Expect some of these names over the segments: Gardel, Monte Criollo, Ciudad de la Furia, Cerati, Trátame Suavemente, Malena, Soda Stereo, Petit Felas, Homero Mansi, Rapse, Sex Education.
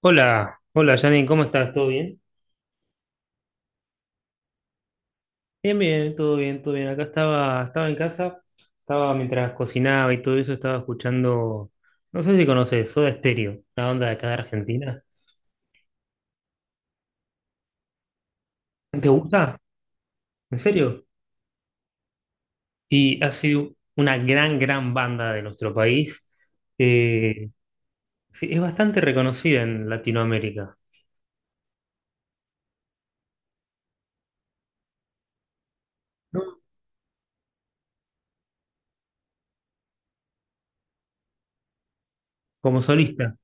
Hola, hola Janine, ¿cómo estás? ¿Todo bien? Bien, bien, todo bien, todo bien. Acá estaba en casa, estaba mientras cocinaba y todo eso, estaba escuchando, no sé si conoces, Soda Stereo, la banda de acá de Argentina. ¿Te gusta? ¿En serio? Y ha sido una gran, gran banda de nuestro país. Eh, sí, es bastante reconocida en Latinoamérica, ¿no? Como solista.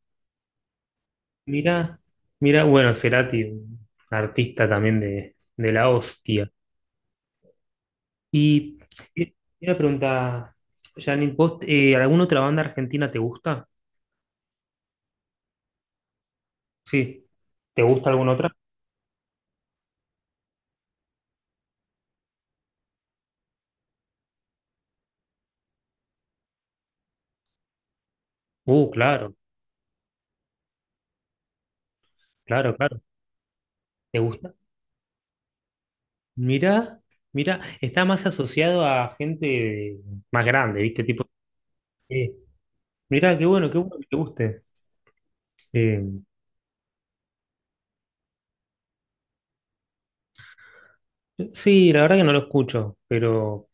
Mirá, mirá, bueno, Cerati, un artista también de la hostia. Y, y una pregunta, Janine, ¿vos, alguna otra banda argentina te gusta? Sí. ¿Te gusta alguna otra? Claro, claro, claro. ¿Te gusta? Mira, mira, está más asociado a gente más grande, ¿viste? Tipo, sí. Mira, qué bueno que te guste. Eh, sí, la verdad que no lo escucho,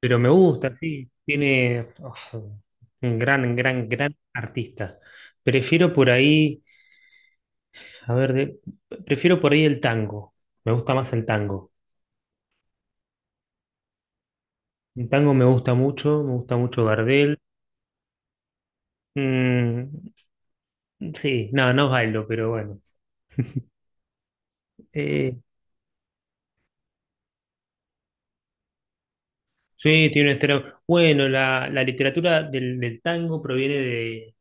pero me gusta, sí. Tiene uf, un gran, gran, gran artista. Prefiero por ahí. A ver, prefiero por ahí el tango. Me gusta más el tango. El tango me gusta mucho Gardel. Mm, sí, no, no bailo, pero bueno. Eh, sí, tiene un estilo. Bueno, la literatura del tango proviene de,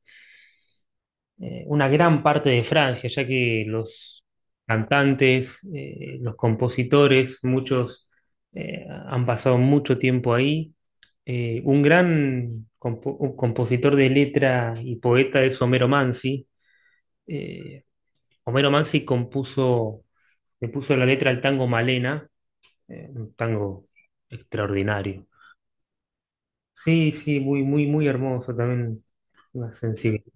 una gran parte de Francia, ya que los cantantes, los compositores, muchos han pasado mucho tiempo ahí. Un gran un compositor de letra y poeta es Homero Mansi. Eh, Homero Mansi compuso, le puso la letra al tango Malena, un tango extraordinario. Sí, sí, muy, muy, muy hermoso también, una sensibilidad.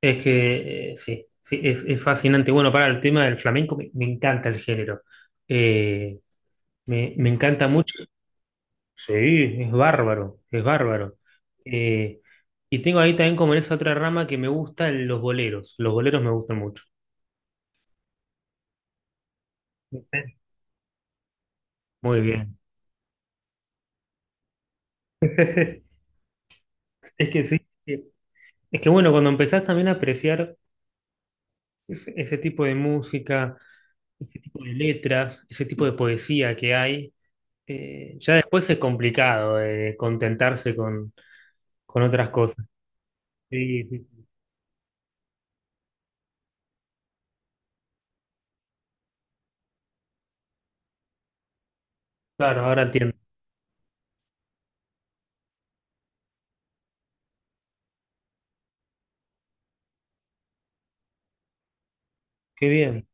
Es que sí, sí, es fascinante. Bueno, para el tema del flamenco, me encanta el género. Eh, me, me encanta mucho. Sí, es bárbaro, es bárbaro. Eh, y tengo ahí también como en esa otra rama que me gustan los boleros. Los boleros me gustan mucho. Muy bien. Es que sí. Sí. Es que bueno, cuando empezás también a apreciar ese, ese tipo de música, ese tipo de letras, ese tipo de poesía que hay, ya después es complicado contentarse con otras cosas. Sí, sí, claro, ahora entiendo. Qué bien,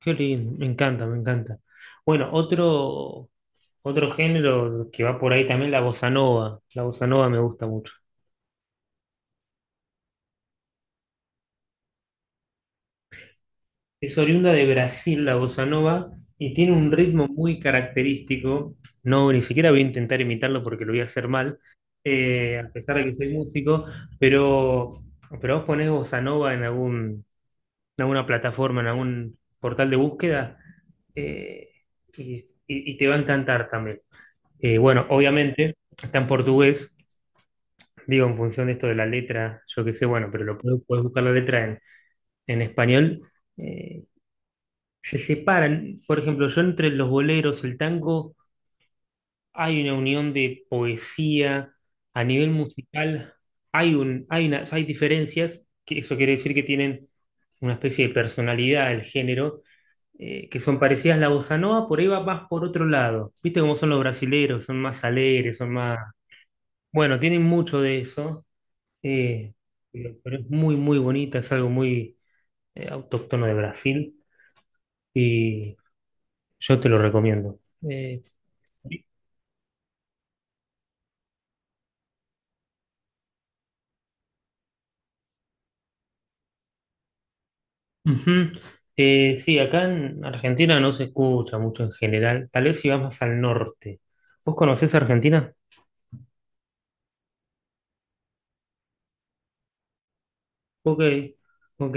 qué lindo, me encanta, me encanta. Bueno, otro, otro género que va por ahí también, la bossa nova. La bossa nova me gusta mucho. Es oriunda de Brasil, la bossa nova, y tiene un ritmo muy característico. No, ni siquiera voy a intentar imitarlo porque lo voy a hacer mal, a pesar de que soy músico, pero, pero vos ponés bossa nova en algún, en alguna plataforma, en algún portal de búsqueda, eh, y, y te va a encantar también. Bueno, obviamente está en portugués, digo, en función de esto de la letra, yo qué sé, bueno, pero lo puedes, puedes buscar la letra en español. eh, Se separan, por ejemplo, yo entre los boleros, el tango, hay una unión de poesía, a nivel musical hay, hay, hay diferencias, que eso quiere decir que tienen una especie de personalidad del género que son parecidas a la bossa nova, por ahí va más por otro lado. ¿Viste cómo son los brasileros? Son más alegres, son más... Bueno, tienen mucho de eso, eh, pero es muy, muy bonita, es algo muy autóctono de Brasil y yo te lo recomiendo. Eh, ujú. Sí, acá en Argentina no se escucha mucho en general, tal vez si vas más al norte. ¿Vos conocés Argentina? Ok, ok.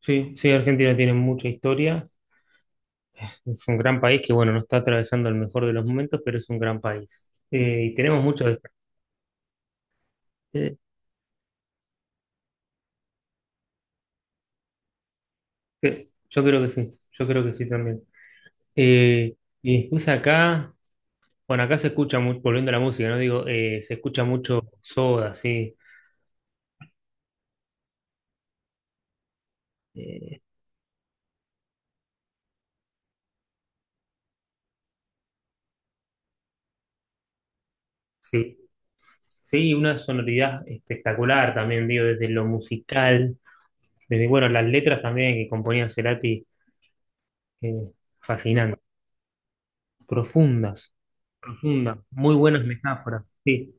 Sí, sí, Argentina tiene mucha historia. Es un gran país que, bueno, no está atravesando el mejor de los momentos, pero es un gran país. Y tenemos mucho eh, yo creo que sí, yo creo que sí también. Eh, y después acá, bueno, acá se escucha mucho, volviendo a la música, ¿no? Digo, se escucha mucho Soda, sí. Eh, sí, sí, una sonoridad espectacular también, digo, desde lo musical, desde, bueno, las letras también que componía Cerati, eh, fascinantes, profundas, profundas, muy buenas metáforas, sí.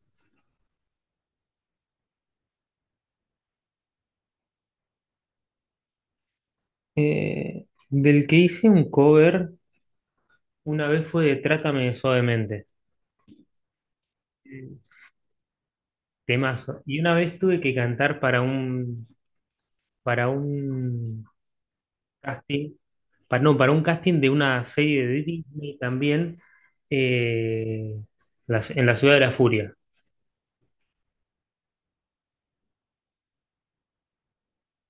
Del que hice un cover una vez fue de Trátame Suavemente. Temazo. Y una vez tuve que cantar para para un casting, para, no, para un casting de una serie de Disney también, eh, en la Ciudad de la Furia.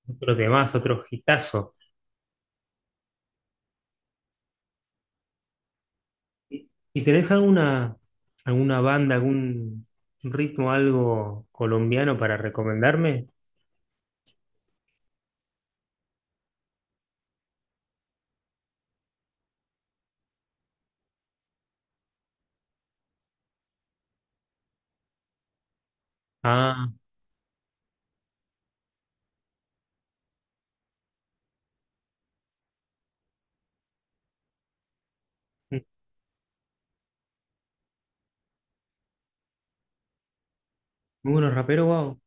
Otro temazo, otro hitazo. ¿Y y tenés alguna, alguna banda, algún ritmo, algo colombiano para recomendarme? Ah, muy buenos raperos, wow.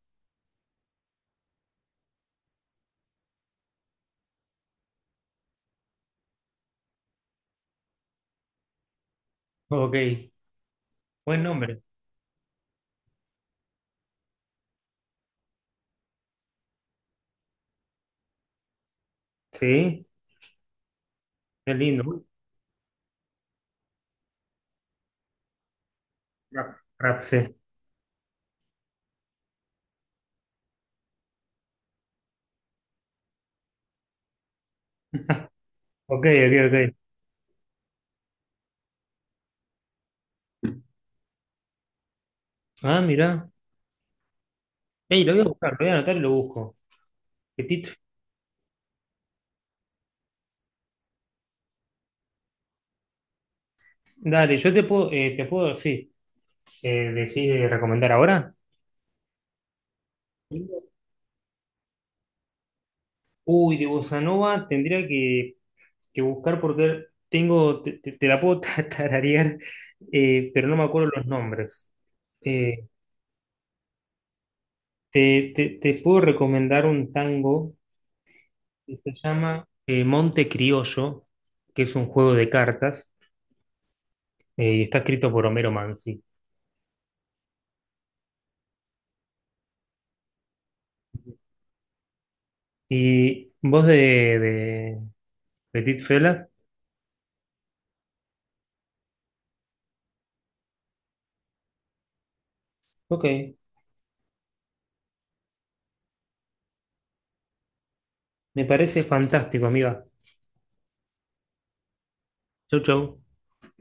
Ok. Buen nombre. Sí, qué lindo. Rapse. Ok, ok, ok. Ah, mirá. Ey, lo voy a buscar, lo voy a anotar y lo busco. Petit. Dale, yo te puedo, sí, decir, recomendar ahora. Uy, de Bossa Nova tendría que buscar porque tengo, te la puedo tararear, pero no me acuerdo los nombres. Eh, te puedo recomendar un tango que se llama Monte Criollo, que es un juego de cartas. Y está escrito por Homero Mansi. Y voz de Petit Felas. Ok, me parece fantástico, amiga. Chau, chau.